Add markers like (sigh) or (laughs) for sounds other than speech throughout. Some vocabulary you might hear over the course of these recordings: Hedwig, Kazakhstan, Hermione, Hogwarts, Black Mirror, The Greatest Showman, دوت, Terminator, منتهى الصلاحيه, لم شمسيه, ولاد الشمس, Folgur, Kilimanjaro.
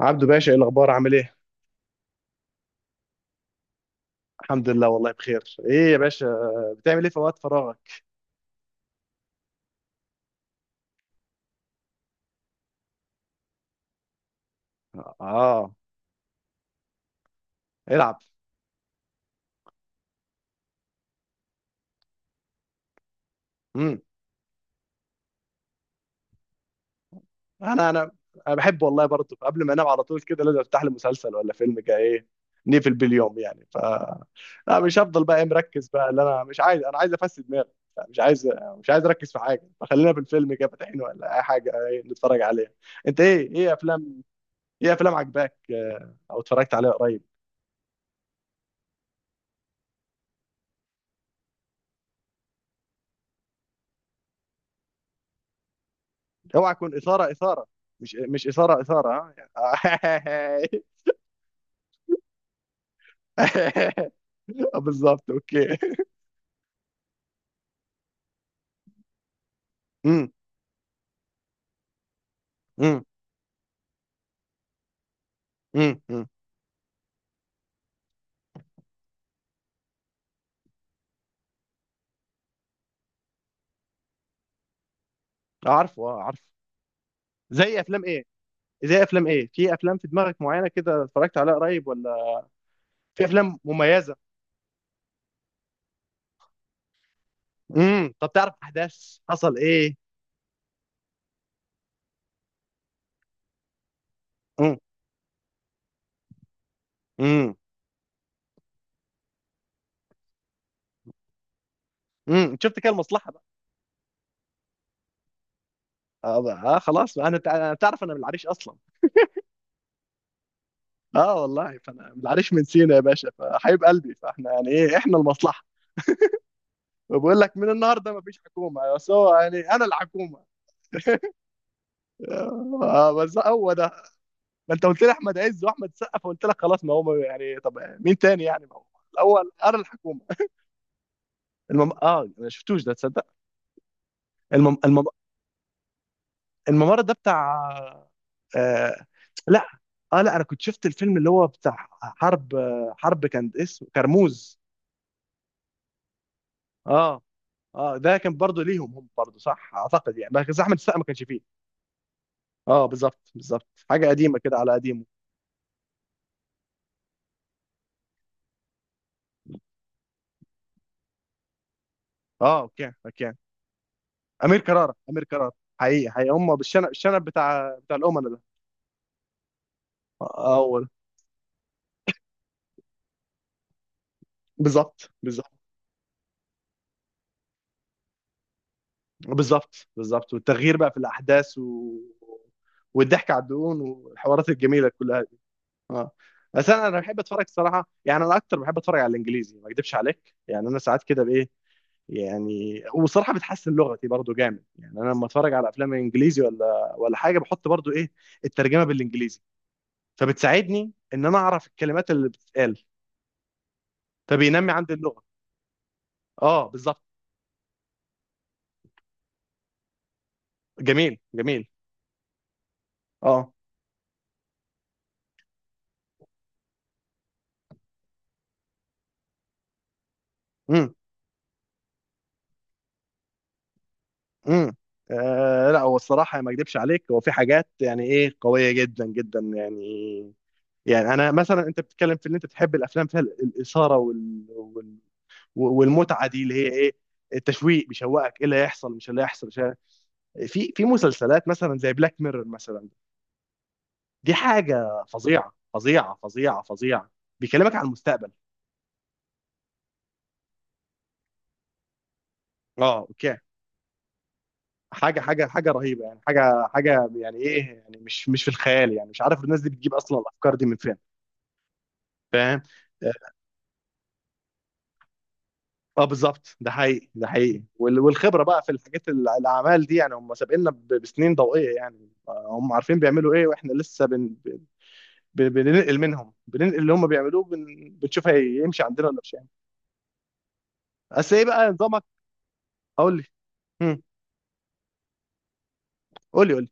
عبدو باشا، ايه الاخبار؟ عامل ايه؟ الحمد لله والله بخير. ايه يا باشا، بتعمل ايه في وقت فراغك؟ اه، العب. امم انا انا انا بحب والله برضه، قبل ما انام على طول كده لازم افتح لي مسلسل ولا فيلم كده، ايه، نقفل باليوم يعني. لا، مش هفضل بقى إيه مركز بقى، اللي انا مش عايز. انا عايز افسد دماغي. مش عايز، مش عايز اركز في حاجه. فخلينا في الفيلم كده فاتحين ولا اي حاجه، إيه، نتفرج عليها. انت ايه افلام، ايه افلام عجباك آه، او اتفرجت عليها قريب؟ اوعى تكون اثاره اثاره. مش اثاره اثاره ها. (laughs) آه، بالظبط، اوكي. امم، امم، امم، أمم. عارفه، اه، عارفه. زي افلام ايه؟ زي افلام ايه، في افلام في دماغك معينه كده اتفرجت عليها قريب ولا؟ في افلام مميزه؟ طب تعرف احداث حصل ايه. امم، امم. شفت كده المصلحه بقى. اه، بقى. آه خلاص بقى. انا تعرف انا من العريش اصلا. اه والله، فانا من العريش، من سينا يا باشا، فحبيب قلبي، فاحنا يعني ايه، احنا المصلحه. بقول لك من النهارده مفيش حكومه، بس هو يعني انا الحكومه. آه، بس هو ده. ما انت قلت لي احمد عز واحمد سقا، فقلت لك خلاص، ما هو يعني طب مين تاني يعني؟ ما هو الاول انا الحكومه. اه ما شفتوش ده، تصدق. المم... المم... الممر ده بتاع... آه... لا. اه، لا انا كنت شفت الفيلم اللي هو بتاع حرب، آه، حرب كان اسمه كرموز. اه، اه، ده كان برضه ليهم، هم برضه صح اعتقد يعني، بس احمد السقا ما كانش فيه. اه بالظبط بالظبط، حاجه قديمه كده على قديمه. اه اوكي اوكي. امير كرارة، امير كرارة. حقيقي حقيقي، هم بالشنب، الشنب بتاع الامناء ده. اول، بالظبط بالظبط بالظبط بالظبط، والتغيير بقى في الاحداث و... والضحك على الدقون والحوارات الجميله كلها دي. اه، بس انا بحب اتفرج الصراحه يعني. انا اكتر بحب اتفرج على الانجليزي، ما اكدبش عليك، يعني انا ساعات كده بايه يعني. وصراحه بتحسن لغتي برضو جامد يعني. انا لما اتفرج على افلام انجليزي ولا حاجه بحط برضو ايه، الترجمه بالانجليزي، فبتساعدني ان انا اعرف الكلمات اللي بتتقال، فبينمي عندي اللغه. اه بالظبط. جميل جميل. اه. امم، امم. آه لا، هو الصراحه ما اكدبش عليك، هو في حاجات يعني ايه قويه جدا جدا يعني. يعني انا مثلا، انت بتتكلم في ان انت تحب الافلام فيها الاثاره والمتعه دي اللي هي ايه، التشويق، بيشوقك ايه اللي هيحصل، مش اللي هيحصل، مش هي- في مسلسلات مثلا زي بلاك ميرور مثلا. دي حاجه فظيعه فظيعه فظيعه فظيعه. بيكلمك عن المستقبل. اه اوكي. حاجه حاجه حاجه رهيبه يعني، حاجه حاجه يعني ايه، يعني مش في الخيال يعني، مش عارف الناس دي بتجيب اصلا الافكار دي من فين. فاهم. اه. آه، بالظبط. ده حقيقي، ده حقيقي. والخبره بقى في الحاجات الاعمال دي يعني. هم سابقنا بسنين ضوئيه يعني. آه، هم عارفين بيعملوا ايه، واحنا لسه بننقل منهم، بننقل اللي هم بيعملوه، بنشوف هيمشي عندنا ولا مش هيمشي. بس ايه بقى نظامك. قول لي. امم. قول لي، قول لي.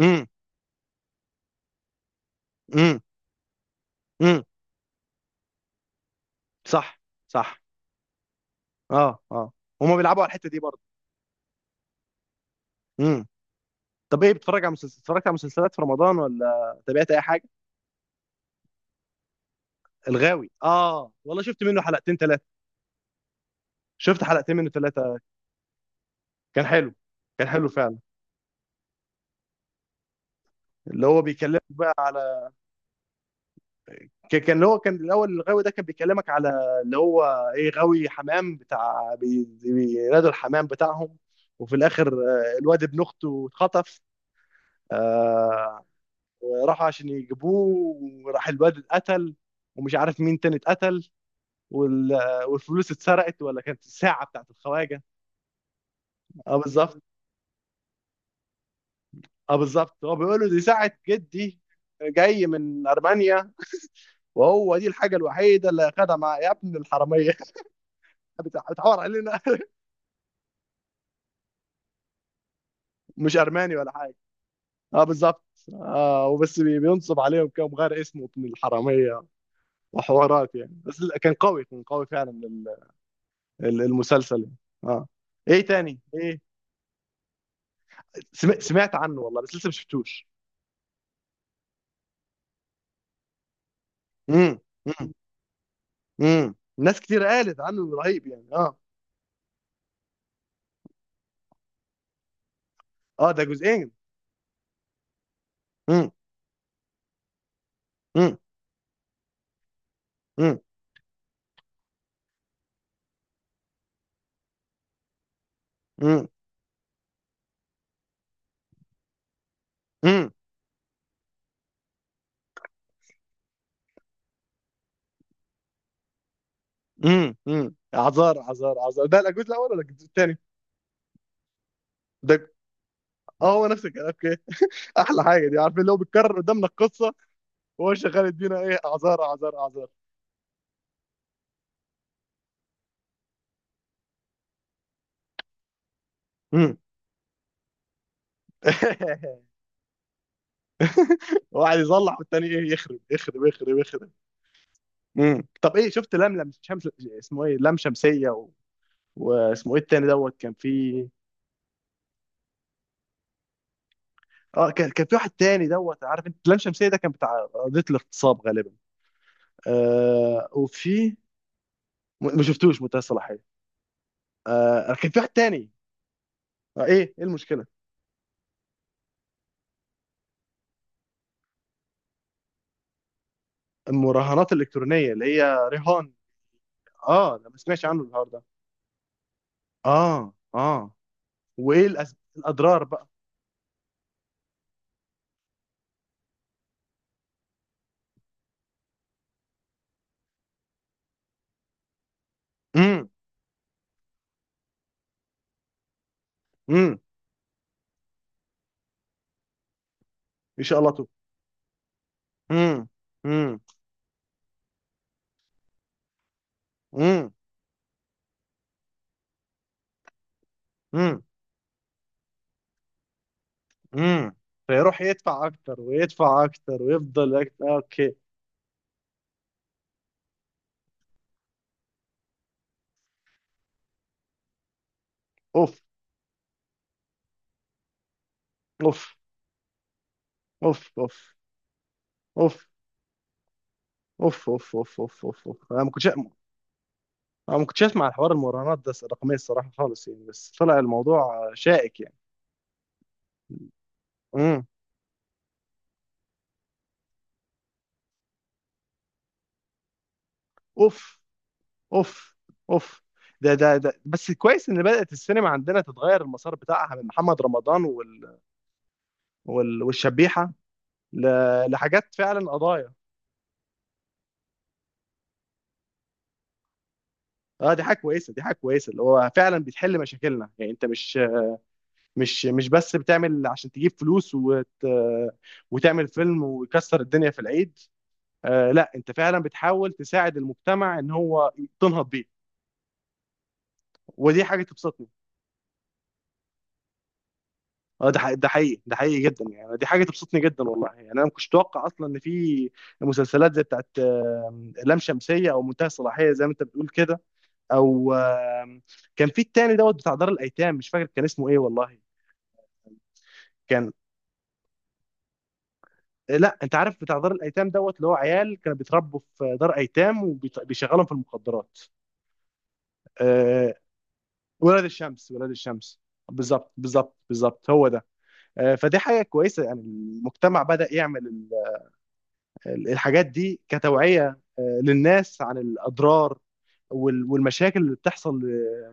امم، امم، امم، صح، صح، اه، اه. هم بيلعبوا على الحته دي برضه. طب ايه، بتتفرج على مسلسل، اتفرجت على مسلسلات في رمضان ولا تابعت اي حاجه؟ الغاوي، اه والله، شفت منه حلقتين ثلاثه. شفت حلقتين منه ثلاثه. كان حلو، كان حلو فعلا. اللي هو بيكلمك بقى على، كان اللي هو كان الاول، الغاوي ده كان بيكلمك على اللي هو، ايه، غاوي حمام، بتاع بينادوا الحمام بتاعهم. وفي الاخر آه، الواد ابن اخته اتخطف. آه، وراحوا عشان يجيبوه، وراح الواد اتقتل، ومش عارف مين تاني اتقتل، وال- والفلوس اتسرقت، ولا كانت الساعه بتاعت الخواجه. اه بالظبط. اه بالظبط، هو بيقول له دي ساعة جدي، جاي من أرمينيا، وهو دي الحاجة الوحيدة اللي أخدها مع، يا ابن الحرامية. (laughs) بتحور علينا. (laughs) مش أرماني ولا حاجة. اه بالظبط. اه، وبس بينصب عليهم كده ومغير اسمه ابن الحرامية، وحوارات يعني، بس لا، كان قوي، كان قوي فعلا المسلسل يعني. اه. ايه تاني، ايه؟ سمعت عنه والله، بس لسه ما شفتوش. امم، امم، امم، ناس كتير قالت عنه إنه رهيب يعني. اه. اه ده جزئين. امم، امم، امم، امم، امم، امم. عذار، عذار، عذار، ده الجزء الاول ولا الجزء الثاني؟ ده، اه، هو نفس الكلام. اوكي. احلى حاجه دي عارفين، اللي هو بيتكرر قدامنا القصه وهو شغال يدينا ايه، اعذار، اعذار، اعذار. امم. (laughs) واحد يصلح والتاني ايه، يخرب يخرب يخرب يخرب. طب ايه شفت لملم شمس، اسمه ايه، لم شمسيه و... واسمه ايه التاني دوت، كان في اه، كان في واحد تاني دوت. عارف انت لم شمسيه ده كان بتاع قضيه الاغتصاب غالبا. آه وفي، ما شفتوش منتهى الصلاحيه. آه، انا كان في واحد تاني. آه، ايه المشكله؟ المراهنات الالكترونيه اللي هي رهان. اه، انا ما سمعتش عنه النهارده ده. اه، اه. وايه الاضرار بقى؟ امم، امم. ان شاء الله تو. امم، امم، امم، امم، امم. فيروح يدفع اكتر، ويدفع اكتر، ويفضل أكتر. اوكي. اوف، اوف، اوف، اوف، اوف، اوف، اوف، اوف، اوف، اوف، اوف، انا ما كنتش. انا ما كنتش اسمع الحوار المراهنات ده الرقميه الصراحه خالص يعني، بس طلع الموضوع شائك يعني. امم. اوف، اوف، اوف. ده بس كويس ان بدأت السينما عندنا تتغير المسار بتاعها من محمد رمضان والشبيحة ل... لحاجات فعلا، قضايا. اه، دي حاجة كويسة، دي حاجة كويسة، اللي هو فعلا بتحل مشاكلنا يعني. انت مش بس بتعمل عشان تجيب فلوس وتعمل فيلم ويكسر الدنيا في العيد. آه لا، انت فعلا بتحاول تساعد المجتمع ان هو تنهض بيه. ودي حاجة تبسطني. اه ده حقيقي، ده حقيقي، ده حقيقي جدا يعني. دي حاجه تبسطني جدا والله يعني. انا ما كنتش اتوقع اصلا ان في مسلسلات زي بتاعت لام شمسيه او منتهى الصلاحيه زي ما انت بتقول كده. او كان في التاني دوت بتاع دار الايتام، مش فاكر كان اسمه ايه والله. كان آه، لا انت عارف بتاع دار الايتام دوت، اللي هو عيال كانوا بيتربوا في دار ايتام وبيشغلهم في المخدرات. آه، ولاد الشمس، ولاد الشمس، بالظبط بالظبط بالظبط، هو ده. آه، فدي حاجه كويسه يعني، المجتمع بدا يعمل الحاجات دي كتوعية آه للناس عن الأضرار والمشاكل اللي بتحصل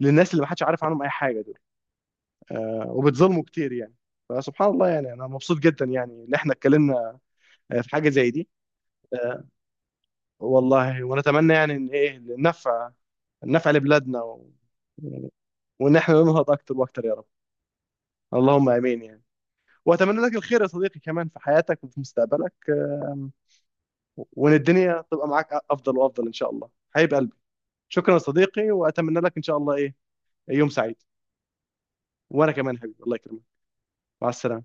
للناس اللي محدش عارف عنهم أي حاجة، دول آه وبتظلموا كتير يعني. فسبحان الله يعني، أنا مبسوط جدا يعني إن إحنا اتكلمنا آه في حاجة زي دي. آه. والله، ونتمنى يعني إن إيه النفع، النفع لبلادنا و... وإن إحنا ننهض أكتر وأكتر يا رب. اللهم آمين يعني. وأتمنى لك الخير يا صديقي كمان، في حياتك وفي مستقبلك. آم، وإن الدنيا تبقى معاك أفضل وأفضل إن شاء الله. حبيب قلبي. شكرا يا صديقي، واتمنى لك ان شاء الله ايه، يوم سعيد. وانا كمان حبيبي، الله يكرمك. مع السلامه.